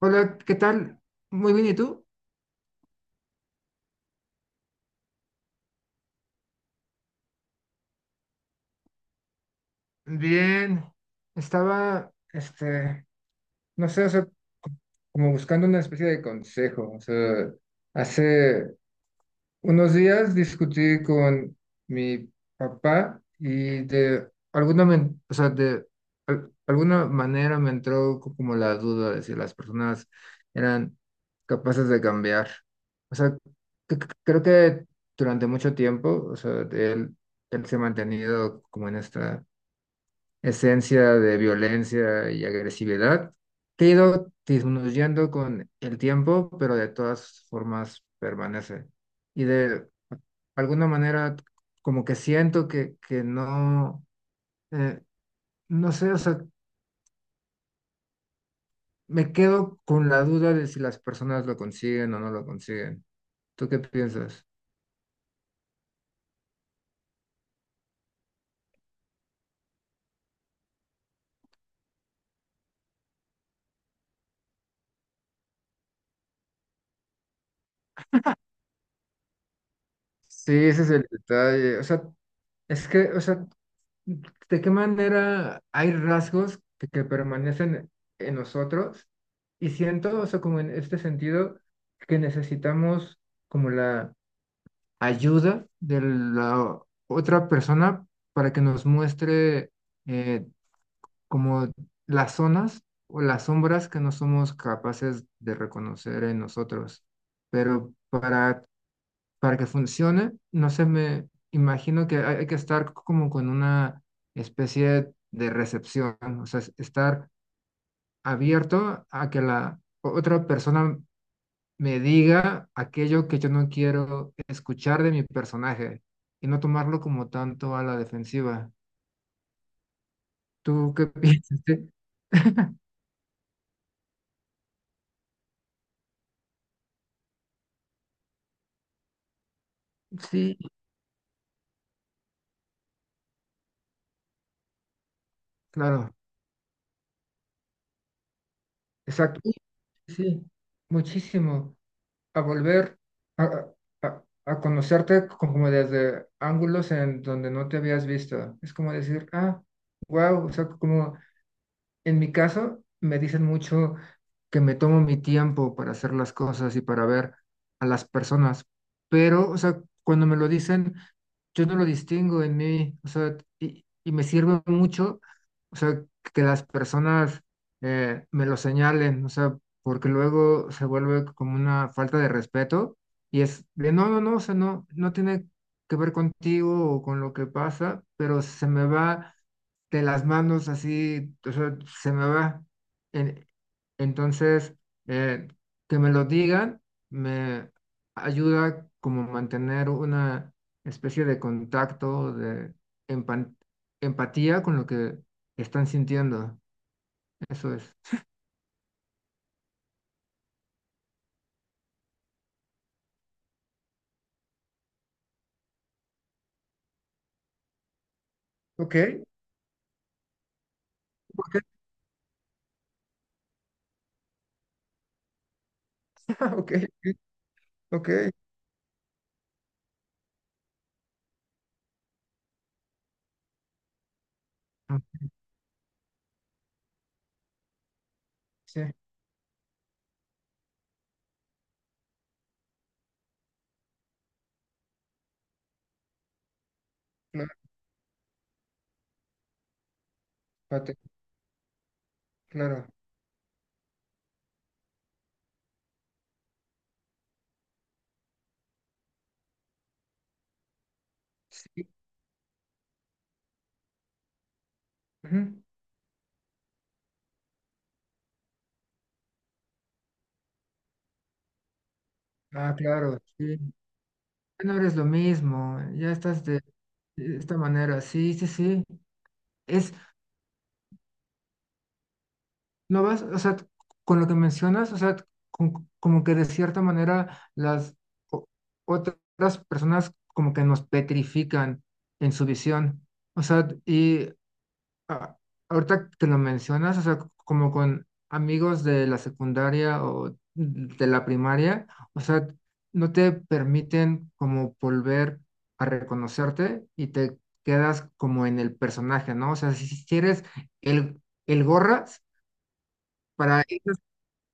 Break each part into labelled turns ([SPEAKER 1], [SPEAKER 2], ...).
[SPEAKER 1] Hola, ¿qué tal? Muy bien, ¿y tú? Bien, estaba, no sé, o sea, co- como buscando una especie de consejo, o sea, hace, unos días discutí con mi papá y de alguna, o sea, de alguna manera me entró como la duda de si las personas eran capaces de cambiar. O sea, c- c- creo que durante mucho tiempo, o sea, de él, él se ha mantenido como en esta esencia de violencia y agresividad que ha ido disminuyendo con el tiempo, pero de todas formas permanece. Y de alguna manera como que siento que no, eh, no sé, o sea, me quedo con la duda de si las personas lo consiguen o no lo consiguen. ¿Tú qué piensas? Sí, ese es el detalle. O sea, es que, o sea, ¿de qué manera hay rasgos que permanecen en nosotros? Y siento, o sea, como en este sentido, que necesitamos como la ayuda de la otra persona para que nos muestre eh, como las zonas o las sombras que no somos capaces de reconocer en nosotros. Pero para que funcione, no sé, me imagino que hay que estar como con una especie de recepción, o sea, estar abierto a que la otra persona me diga aquello que yo no quiero escuchar de mi personaje y no tomarlo como tanto a la defensiva. ¿Tú qué piensas? Sí, sí, claro, exacto. Sí, muchísimo. A volver a, a conocerte como desde ángulos en donde no te habías visto. Es como decir, ah, wow, o sea, como en mi caso, me dicen mucho que me tomo mi tiempo para hacer las cosas y para ver a las personas, pero, o sea, cuando me lo dicen, yo no lo distingo en mí, o sea, y me sirve mucho, o sea, que las personas me lo señalen, o sea, porque luego se vuelve como una falta de respeto y es de, no, no, no, o sea, no, no tiene que ver contigo o con lo que pasa, pero se me va de las manos así, o sea, se me va. En- entonces, eh, que me lo digan me ayuda como mantener una especie de contacto, de empan- empatía con lo que están sintiendo. Eso es. Ok, ok, ok, ok. Ah, sí, claro, pate- claro. Sí. Ujú. Ah, claro, sí. Ya no eres lo mismo, ya estás de esta manera. Sí, sí, sí. Es, lo vas o sea, con lo que mencionas, o sea, como que de cierta manera las o- otras personas como que nos petrifican en su visión. O sea, y a- ahorita que lo mencionas, o sea, como con amigos de la secundaria o de la primaria, o sea, no te permiten como volver a reconocerte y te quedas como en el personaje, ¿no? O sea, si eres el el gorra. Para esas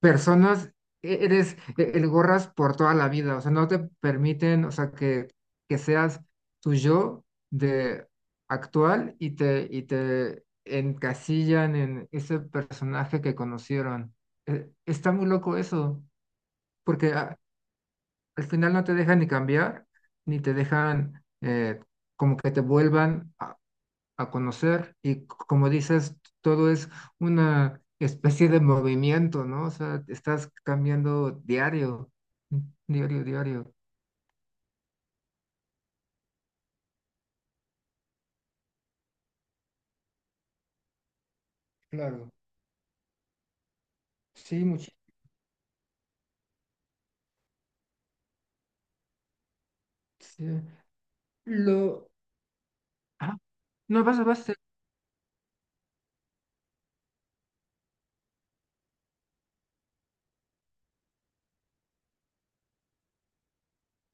[SPEAKER 1] personas eres el gorras por toda la vida, o sea, no te permiten, o sea, que seas tu yo de actual y te encasillan en ese personaje que conocieron. Está muy loco eso, porque al final no te dejan ni cambiar, ni te dejan como que te vuelvan a conocer y como dices, todo es una especie de movimiento, ¿no? O sea, estás cambiando diario, mm, diario, diario. Claro, sí, muchísimo. Lo... Ah, no, vas, vas, sí,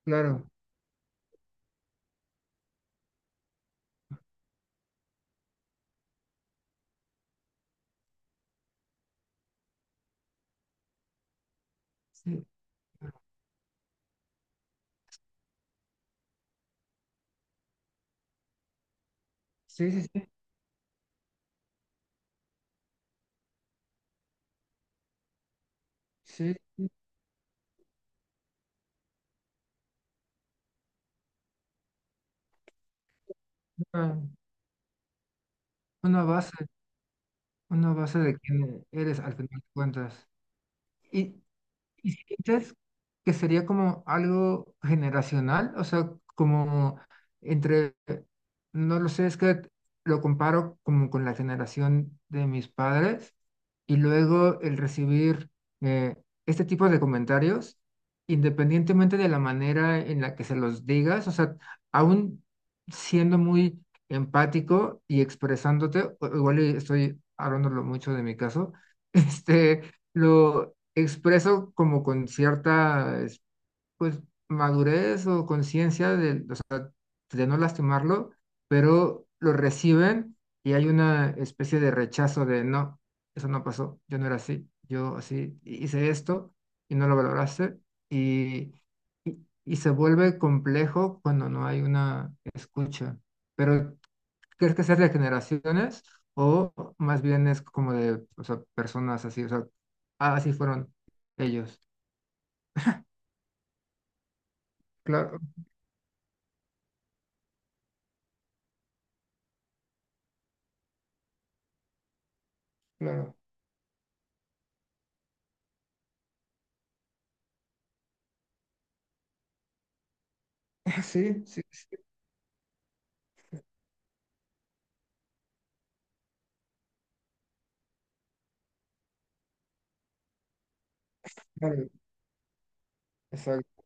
[SPEAKER 1] claro. Sí, sí, sí, sí. Sí, Una, una base, una base de quién eres al final de cuentas. Y, ¿y si sientes que sería como algo generacional? O sea, como entre, no lo sé, es que lo comparo como con la generación de mis padres y luego el recibir eh, este tipo de comentarios, independientemente de la manera en la que se los digas, o sea, aún siendo muy empático y expresándote, igual y estoy hablándolo mucho de mi caso, este... Lo, expreso como con cierta, pues, madurez o conciencia de, o sea, de no lastimarlo, pero lo reciben y hay una especie de rechazo de no, eso no pasó, yo no era así, yo así hice esto y no lo valoraste y, y, y, se vuelve complejo cuando no hay una escucha. Pero ¿crees que sea de generaciones o más bien es como de, o sea, personas así, o sea, ah, así fueron ellos? Claro, claro. Sí, sí, sí, claro, exacto.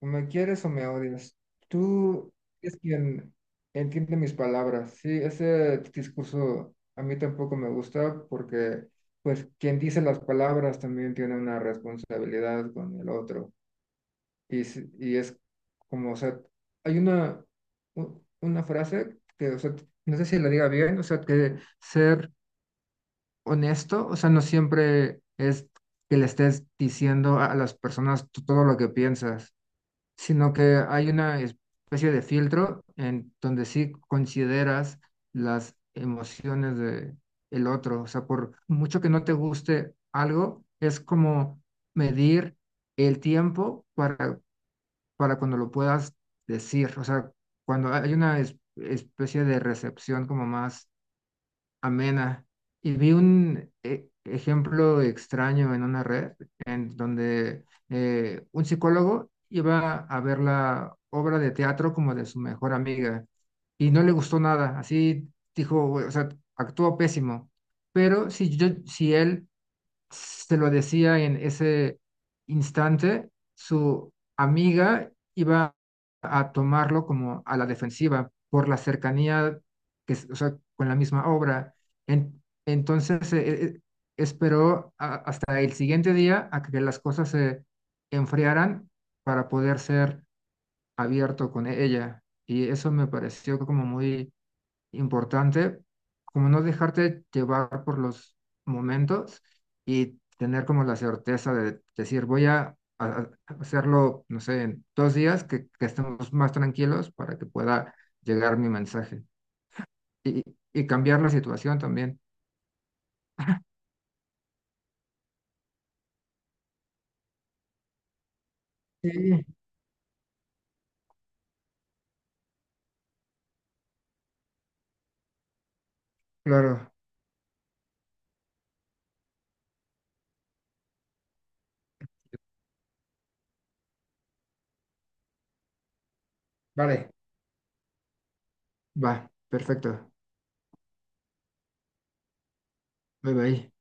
[SPEAKER 1] O me quieres o me odias. Tú es quien entiende mis palabras. Sí, ese discurso a mí tampoco me gusta porque, pues, quien dice las palabras también tiene una responsabilidad con el otro. Y, y es como, o sea, hay una, una frase que, o sea, no sé si la diga bien, o sea, que ser honesto, o sea, no siempre es que le estés diciendo a las personas todo lo que piensas, sino que hay una especie de filtro en donde sí consideras las emociones de el otro, o sea, por mucho que no te guste algo, es como medir el tiempo para cuando lo puedas decir. O sea, cuando hay una especie de recepción como más amena. Y vi un ejemplo extraño en una red en donde un psicólogo iba a ver la obra de teatro como de su mejor amiga y no le gustó nada. Así dijo, o sea, actuó pésimo. Pero si yo, si él se lo decía en ese instante, su amiga iba a tomarlo como a la defensiva por la cercanía que, o sea, con la misma obra. Entonces esperó hasta el siguiente día a que las cosas se enfriaran para poder ser abierto con ella. Y eso me pareció como muy importante, como no dejarte llevar por los momentos y tener como la certeza de decir, voy a hacerlo, no sé, en 2 días, que estemos más tranquilos para que pueda llegar mi mensaje y, y cambiar la situación también. Sí, claro. Vale. Va, perfecto. Bye bye.